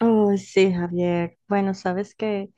Oh, sí, Javier. Bueno, sabes que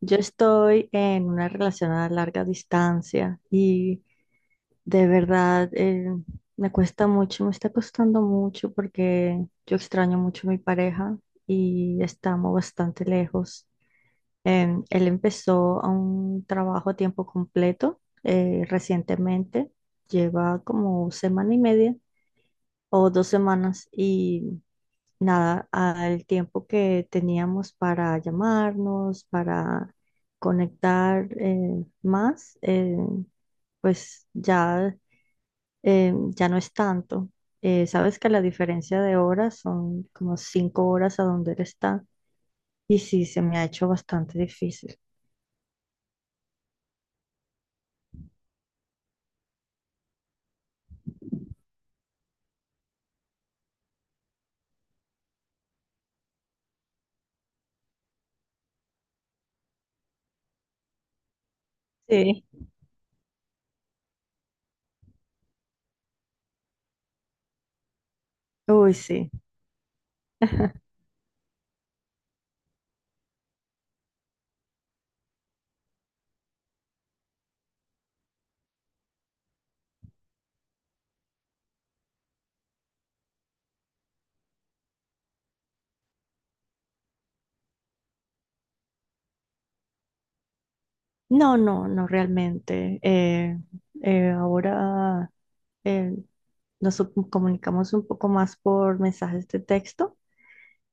yo estoy en una relación a larga distancia y de verdad me cuesta mucho, me está costando mucho porque yo extraño mucho a mi pareja y estamos bastante lejos. Él empezó a un trabajo a tiempo completo recientemente, lleva como semana y media o 2 semanas y nada, al tiempo que teníamos para llamarnos, para conectar más, pues ya, ya no es tanto. Sabes que la diferencia de horas son como 5 horas a donde él está y sí, se me ha hecho bastante difícil. Sí. Uy, sí. No, no, no realmente. Ahora... eh, nos comunicamos un poco más por mensajes de texto,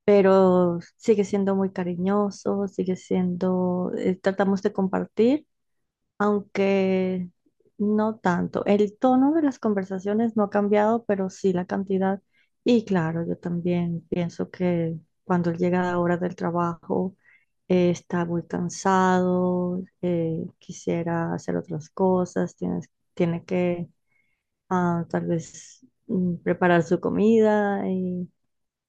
pero sigue siendo muy cariñoso, sigue siendo, tratamos de compartir, aunque no tanto. El tono de las conversaciones no ha cambiado, pero sí la cantidad. Y claro, yo también pienso que cuando él llega a la hora del trabajo, está muy cansado, quisiera hacer otras cosas, tiene que tal vez preparar su comida y,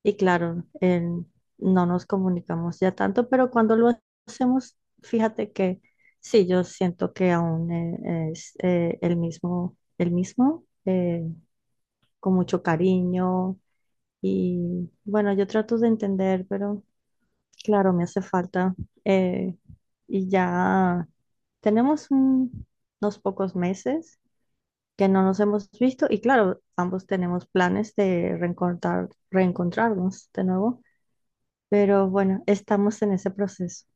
y claro, no nos comunicamos ya tanto, pero cuando lo hacemos, fíjate que sí, yo siento que aún es el mismo, con mucho cariño y bueno, yo trato de entender, pero claro, me hace falta eh, y ya tenemos unos pocos meses que no nos hemos visto y claro, ambos tenemos planes de reencontrarnos de nuevo, pero bueno, estamos en ese proceso.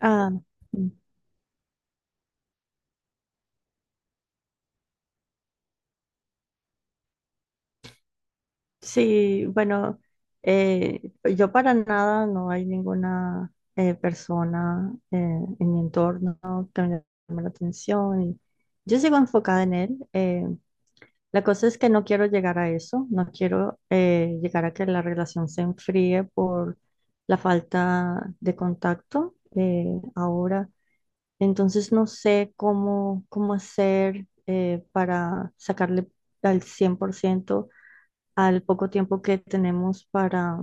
Ah, mm, sí, bueno, yo para nada, no hay ninguna persona en mi entorno que me llame la atención y yo sigo enfocada en él. La cosa es que no quiero llegar a eso, no quiero llegar a que la relación se enfríe por la falta de contacto ahora. Entonces no sé cómo hacer para sacarle al 100% al poco tiempo que tenemos para,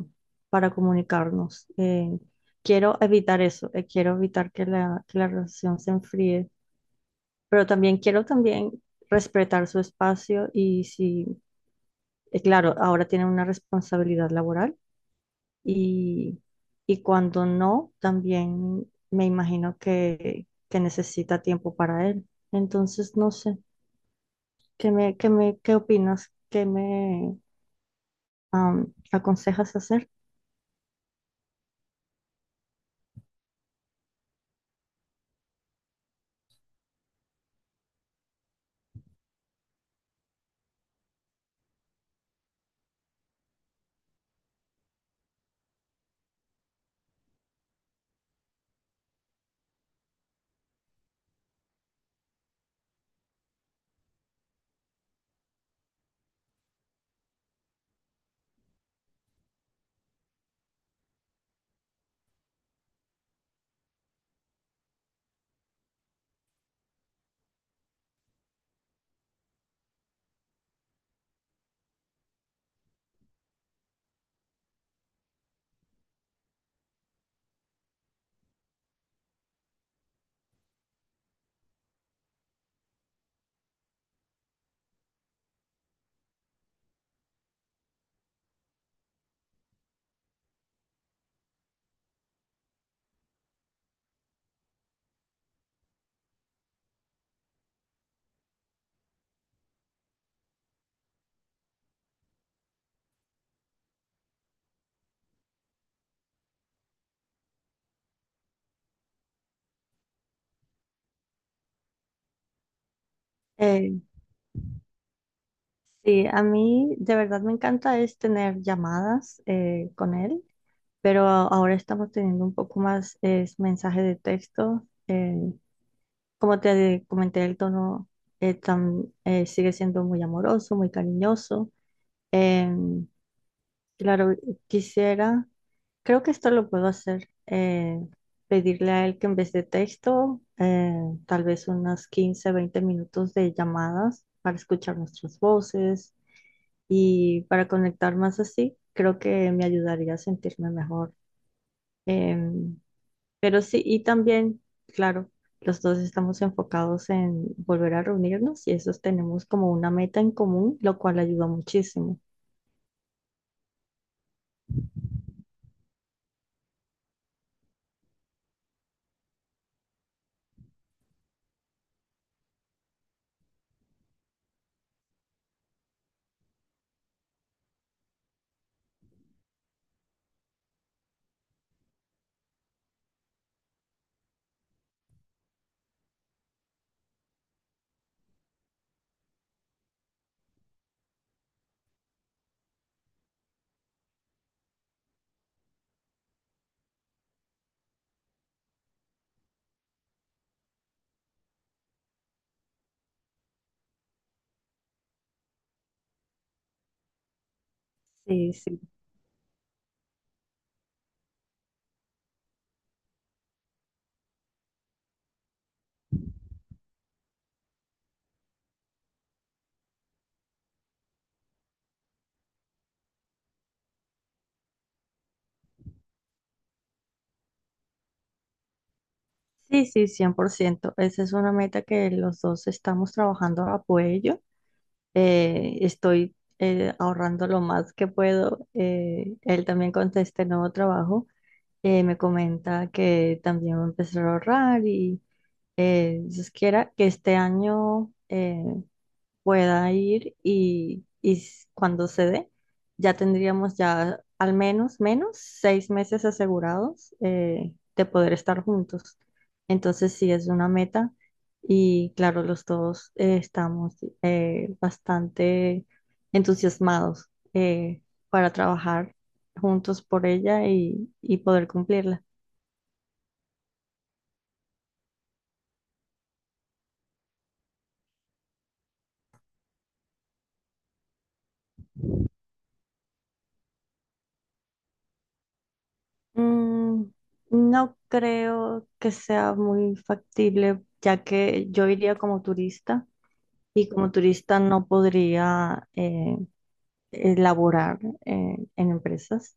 para comunicarnos. Quiero evitar eso, quiero evitar que la relación se enfríe, pero también quiero también respetar su espacio y si claro, ahora tienen una responsabilidad laboral y, y cuando no, también me imagino que necesita tiempo para él. Entonces, no sé, qué opinas? ¿Qué me aconsejas hacer? Eh, sí, a mí de verdad me encanta es tener llamadas con él, pero ahora estamos teniendo un poco más es mensaje de texto. Como te comenté, el tono sigue siendo muy amoroso, muy cariñoso. Em, claro, quisiera, creo que esto lo puedo hacer, pedirle a él que en vez de texto, tal vez unas 15 20 minutos de llamadas para escuchar nuestras voces y para conectar más así, creo que me ayudaría a sentirme mejor. em, pero sí, y también, claro, los dos estamos enfocados en volver a reunirnos y esos tenemos como una meta en común, lo cual ayuda muchísimo. Sí, sí. Sí, sí, 100%. Esa es una meta que los dos estamos trabajando a apoyo. Estoy ahorrando lo más que puedo. Él también con este nuevo trabajo. Me comenta que también va a empezar a ahorrar y Dios quiera que este año, pueda ir y, y cuando se dé, ya tendríamos ya al menos 6 meses asegurados de poder estar juntos. Entonces sí es una meta y claro, los dos estamos bastante entusiasmados para trabajar juntos por ella y poder cumplirla. Mm, no creo que sea muy factible, ya que yo iría como turista y como turista no podría laborar en empresas.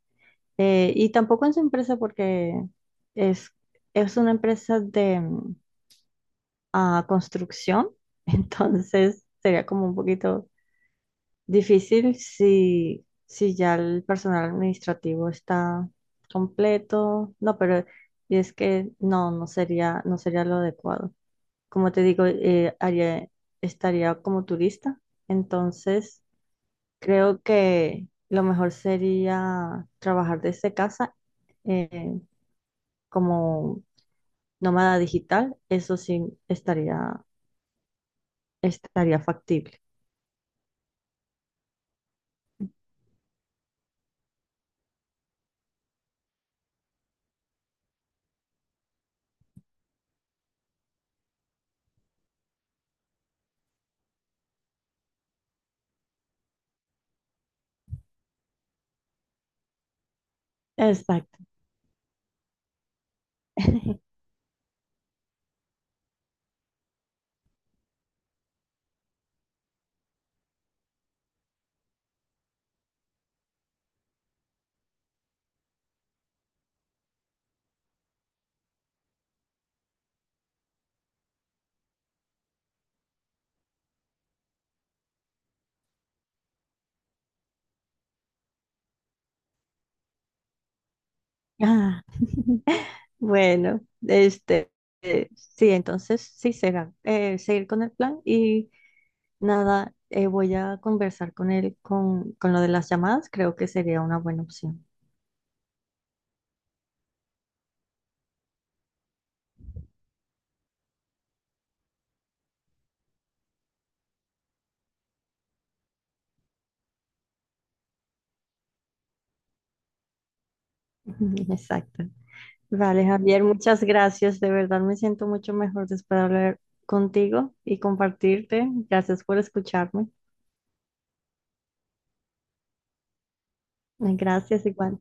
Y tampoco en su empresa porque es, es una empresa de construcción, entonces sería como un poquito difícil si ya el personal administrativo está completo. No, pero es que no sería lo adecuado. Como te digo, estaría como turista, entonces creo que lo mejor sería trabajar desde casa eh, como nómada digital. Eso sí estaría, estaría factible. Exacto. Ah, bueno, este, sí, entonces sí será seguir con el plan y nada, voy a conversar con él con lo de las llamadas. Creo que sería una buena opción. Exacto. Vale, Javier, muchas gracias. De verdad me siento mucho mejor después de hablar contigo y compartirte. Gracias por escucharme. Gracias igual.